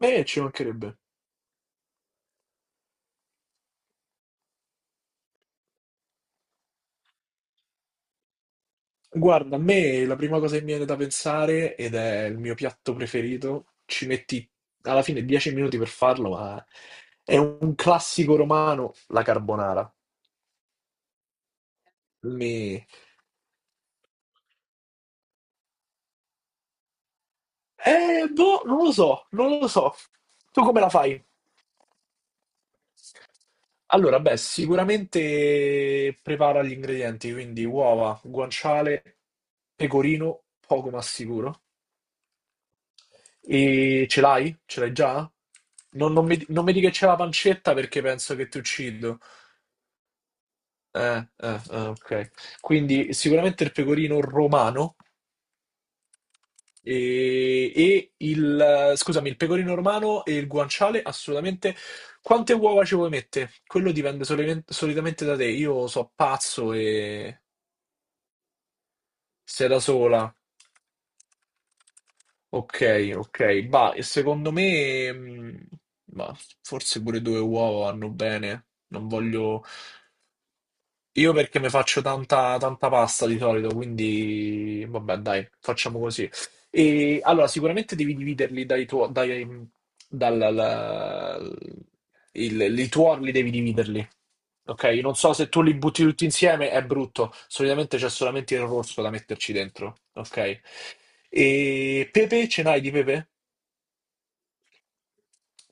Ci mancherebbe. Guarda, a me la prima cosa che mi viene da pensare, ed è il mio piatto preferito, ci metti alla fine 10 minuti per farlo, ma è un classico romano, la carbonara. Mi... boh, non lo so, non lo so. Tu come la fai? Allora, beh, sicuramente prepara gli ingredienti, quindi uova, guanciale, pecorino, poco ma sicuro. E ce l'hai? Ce l'hai già? Non mi dica che c'è la pancetta perché penso che ti uccido. Ok. Quindi sicuramente il pecorino romano e, e il... scusami, il pecorino romano e il guanciale assolutamente. Quante uova ci vuoi mettere? Quello dipende solitamente da te. Io so pazzo e sei da sola. Ok, ok, bah, e secondo me, bah, forse pure due uova vanno bene. Non voglio. Io perché mi faccio tanta, tanta pasta di solito, quindi vabbè, dai, facciamo così. E allora, sicuramente devi dividerli dai tuoi. Dai, dal, la- i tuorli devi dividerli. Ok, non so se tu li butti tutti insieme, è brutto. Solitamente c'è solamente il rosso da metterci dentro. Ok. E pepe, ce n'hai di pepe?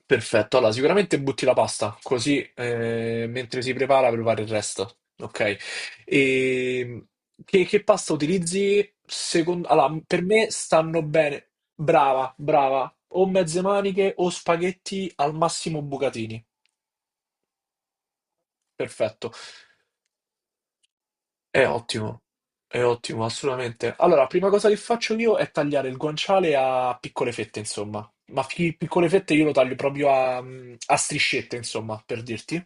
Perfetto, allora sicuramente butti la pasta, così mentre si prepara il resto, ok? E che pasta utilizzi? Allora, per me stanno bene, brava, brava, o mezze maniche o spaghetti al massimo bucatini, perfetto, è ottimo, è ottimo, assolutamente. Allora, prima cosa che faccio io è tagliare il guanciale a piccole fette, insomma, ma piccole fette io lo taglio proprio a striscette, insomma, per dirti.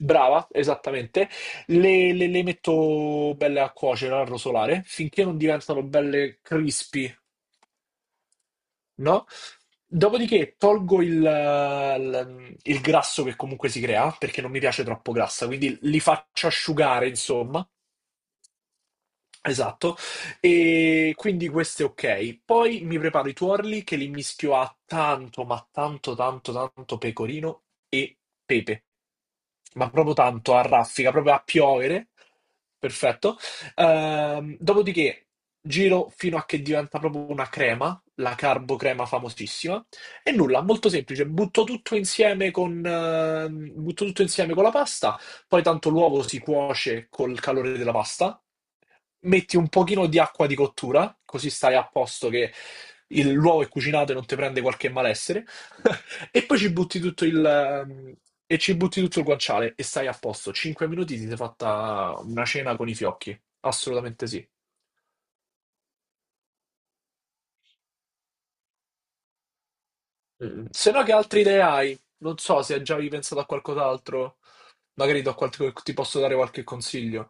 Brava, esattamente. Le metto belle a cuocere, a rosolare, finché non diventano belle crispy, no? Dopodiché tolgo il grasso che comunque si crea, perché non mi piace troppo grassa, quindi li faccio asciugare, insomma. Esatto, e quindi questo è ok. Poi mi preparo i tuorli che li mischio a tanto, ma tanto, tanto, tanto pecorino e pepe, ma proprio tanto a raffica, proprio a piovere. Perfetto. Dopodiché giro fino a che diventa proprio una crema, la carbocrema famosissima. E nulla, molto semplice, butto tutto insieme con la pasta. Poi tanto l'uovo si cuoce col calore della pasta, metti un pochino di acqua di cottura, così stai a posto che l'uovo è cucinato e non ti prende qualche malessere, e poi ci butti tutto il guanciale e stai a posto. 5 minuti ti sei fatta una cena con i fiocchi, assolutamente sì. Se no, che altre idee hai? Non so se hai già pensato a qualcos'altro, magari ti posso dare qualche consiglio.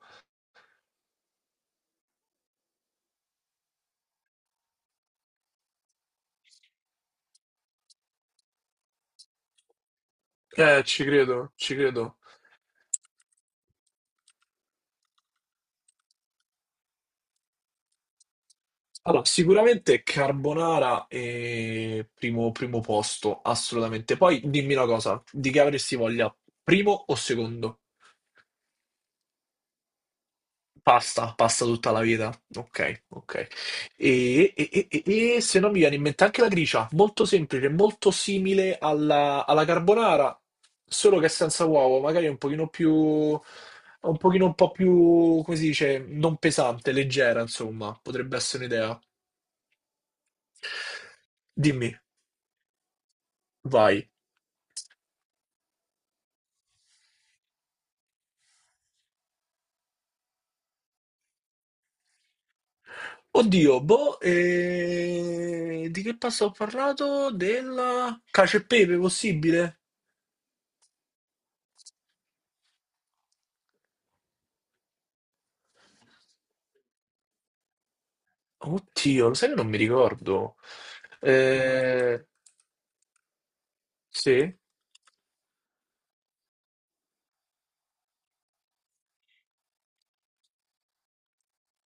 Ci credo, ci credo. Allora, sicuramente carbonara è primo, primo posto, assolutamente. Poi dimmi una cosa, di che avresti voglia? Primo o secondo? Pasta, pasta tutta la vita. Ok, ok. E, e- e- e- e se non mi viene in mente anche la gricia, molto semplice, molto simile alla carbonara, solo che senza uovo, magari un pochino un po' più, come si dice, non pesante, leggera, insomma, potrebbe essere un'idea. Dimmi, vai. Oddio, boh, di che pasta ho parlato? Della cacio e pepe, possibile? Oddio, lo sai che non mi ricordo. Eh, sì?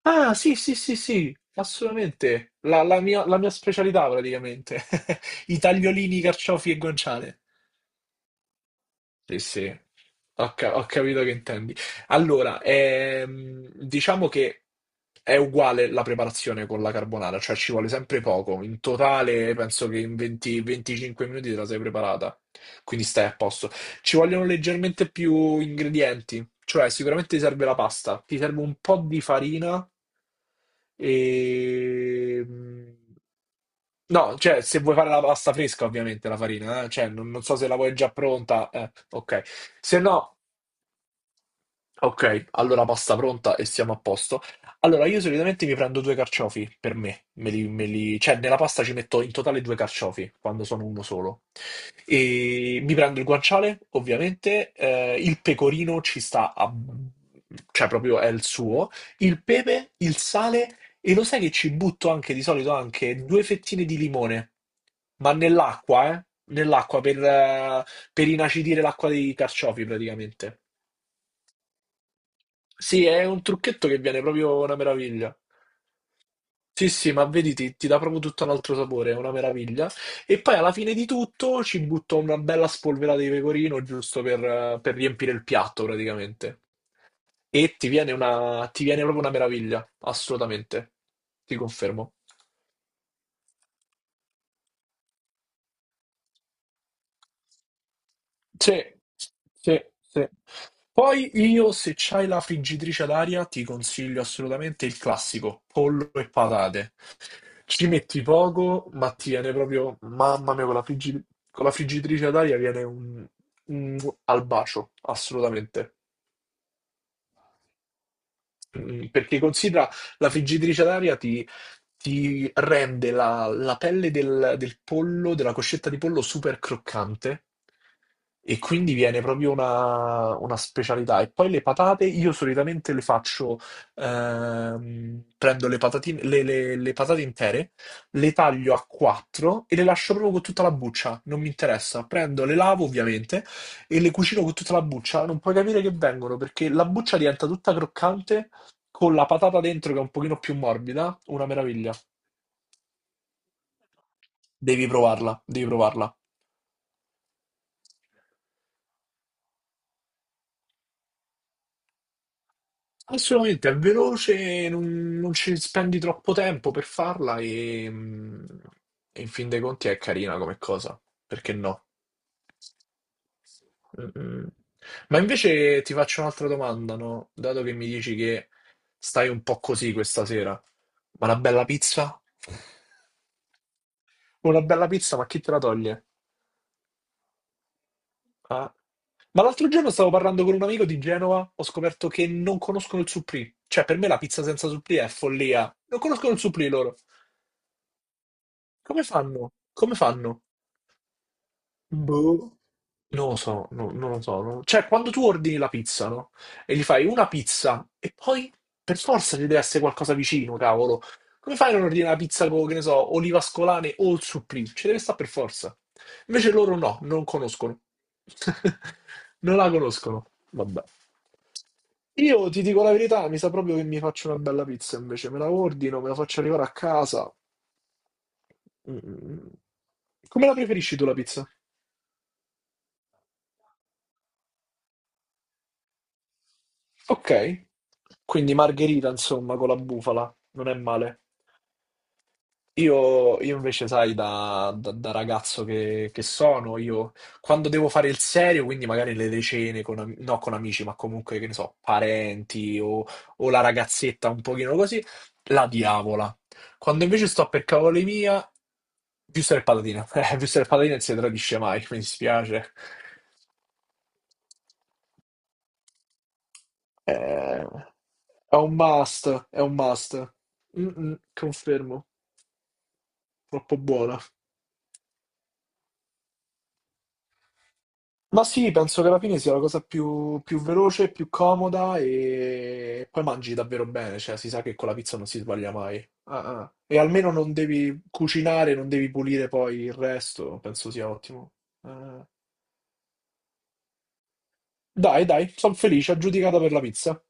Ah, sì, sì, sì, sì, assolutamente. La mia specialità praticamente. I tagliolini, carciofi e guanciale. Sì, sì, ho capito che intendi. Allora, diciamo che è uguale la preparazione con la carbonara, cioè ci vuole sempre poco. In totale penso che in 20 25 minuti te la sei preparata, quindi stai a posto. Ci vogliono leggermente più ingredienti, cioè sicuramente ti serve la pasta, ti serve un po' di farina e... No, cioè se vuoi fare la pasta fresca ovviamente la farina, cioè non so se la vuoi già pronta, ok. Se no, Ok, allora pasta pronta e siamo a posto. Allora, io solitamente mi prendo due carciofi per me, cioè nella pasta ci metto in totale due carciofi quando sono uno solo. E mi prendo il guanciale, ovviamente, il pecorino ci sta a... cioè proprio è il suo, il pepe, il sale e lo sai che ci butto anche di solito anche due fettine di limone, ma nell'acqua, eh? Nell'acqua per inacidire l'acqua dei carciofi praticamente. Sì, è un trucchetto che viene proprio una meraviglia. Sì, sì, ma vedi, ti dà proprio tutto un altro sapore, è una meraviglia. E poi alla fine di tutto ci butto una bella spolverata di pecorino giusto per riempire il piatto praticamente. E ti viene proprio una meraviglia, assolutamente. Ti confermo. Sì, sì, sì. Poi io, se c'hai la friggitrice ad aria, ti consiglio assolutamente il classico, pollo e patate. Ci metti poco, ma ti viene proprio, mamma mia, con la friggitrice ad aria viene un al bacio, assolutamente. Perché considera la friggitrice d'aria ti rende la pelle del pollo, della coscetta di pollo super croccante e quindi viene proprio una specialità. E poi le patate, io solitamente prendo le patatine, le patate intere, le taglio a quattro e le lascio proprio con tutta la buccia, non mi interessa. Prendo, le lavo ovviamente e le cucino con tutta la buccia. Non puoi capire che vengono perché la buccia diventa tutta croccante con la patata dentro che è un pochino più morbida, una meraviglia. Devi provarla, devi provarla. Assolutamente, è veloce, non ci spendi troppo tempo per farla e in fin dei conti è carina come cosa, perché no? Mm-mm. Ma invece ti faccio un'altra domanda, no? Dato che mi dici che stai un po' così questa sera, ma una bella pizza? Una bella pizza, ma chi te la toglie? Ah, ma l'altro giorno stavo parlando con un amico di Genova, ho scoperto che non conoscono il supplì. Cioè, per me la pizza senza supplì è follia. Non conoscono il supplì loro. Come fanno? Come fanno? Boh. Non lo so, non lo so. Cioè, quando tu ordini la pizza, no? E gli fai una pizza e poi per forza ci deve essere qualcosa vicino, cavolo. Come fai a non ordinare la pizza con, che ne so, olive ascolane o il supplì? Ci deve stare per forza. Invece loro no, non conoscono. Non la conoscono. Vabbè. Io ti dico la verità, mi sa proprio che mi faccio una bella pizza invece. Me la ordino, me la faccio arrivare a casa. Mm. Mm, mm. Come la preferisci tu la pizza? Ok, quindi margherita, insomma, con la bufala, non è male. Io invece, sai, da ragazzo che sono, io quando devo fare il serio, quindi magari le cene, no, con amici, ma comunque, che ne so, parenti o la ragazzetta un pochino così, la diavola. Quando invece sto per cavoli mia, visto e patatine, visto e patatine non si tradisce mai, mi dispiace. Eh, è un must, è un must. Mm-mm, confermo, troppo buona. Ma sì, penso che alla fine sia la cosa più, veloce, più comoda e poi mangi davvero bene, cioè si sa che con la pizza non si sbaglia mai. Ah, ah. E almeno non devi cucinare, non devi pulire poi il resto, penso sia ottimo. Eh, Dai, dai, sono felice, aggiudicata per la pizza.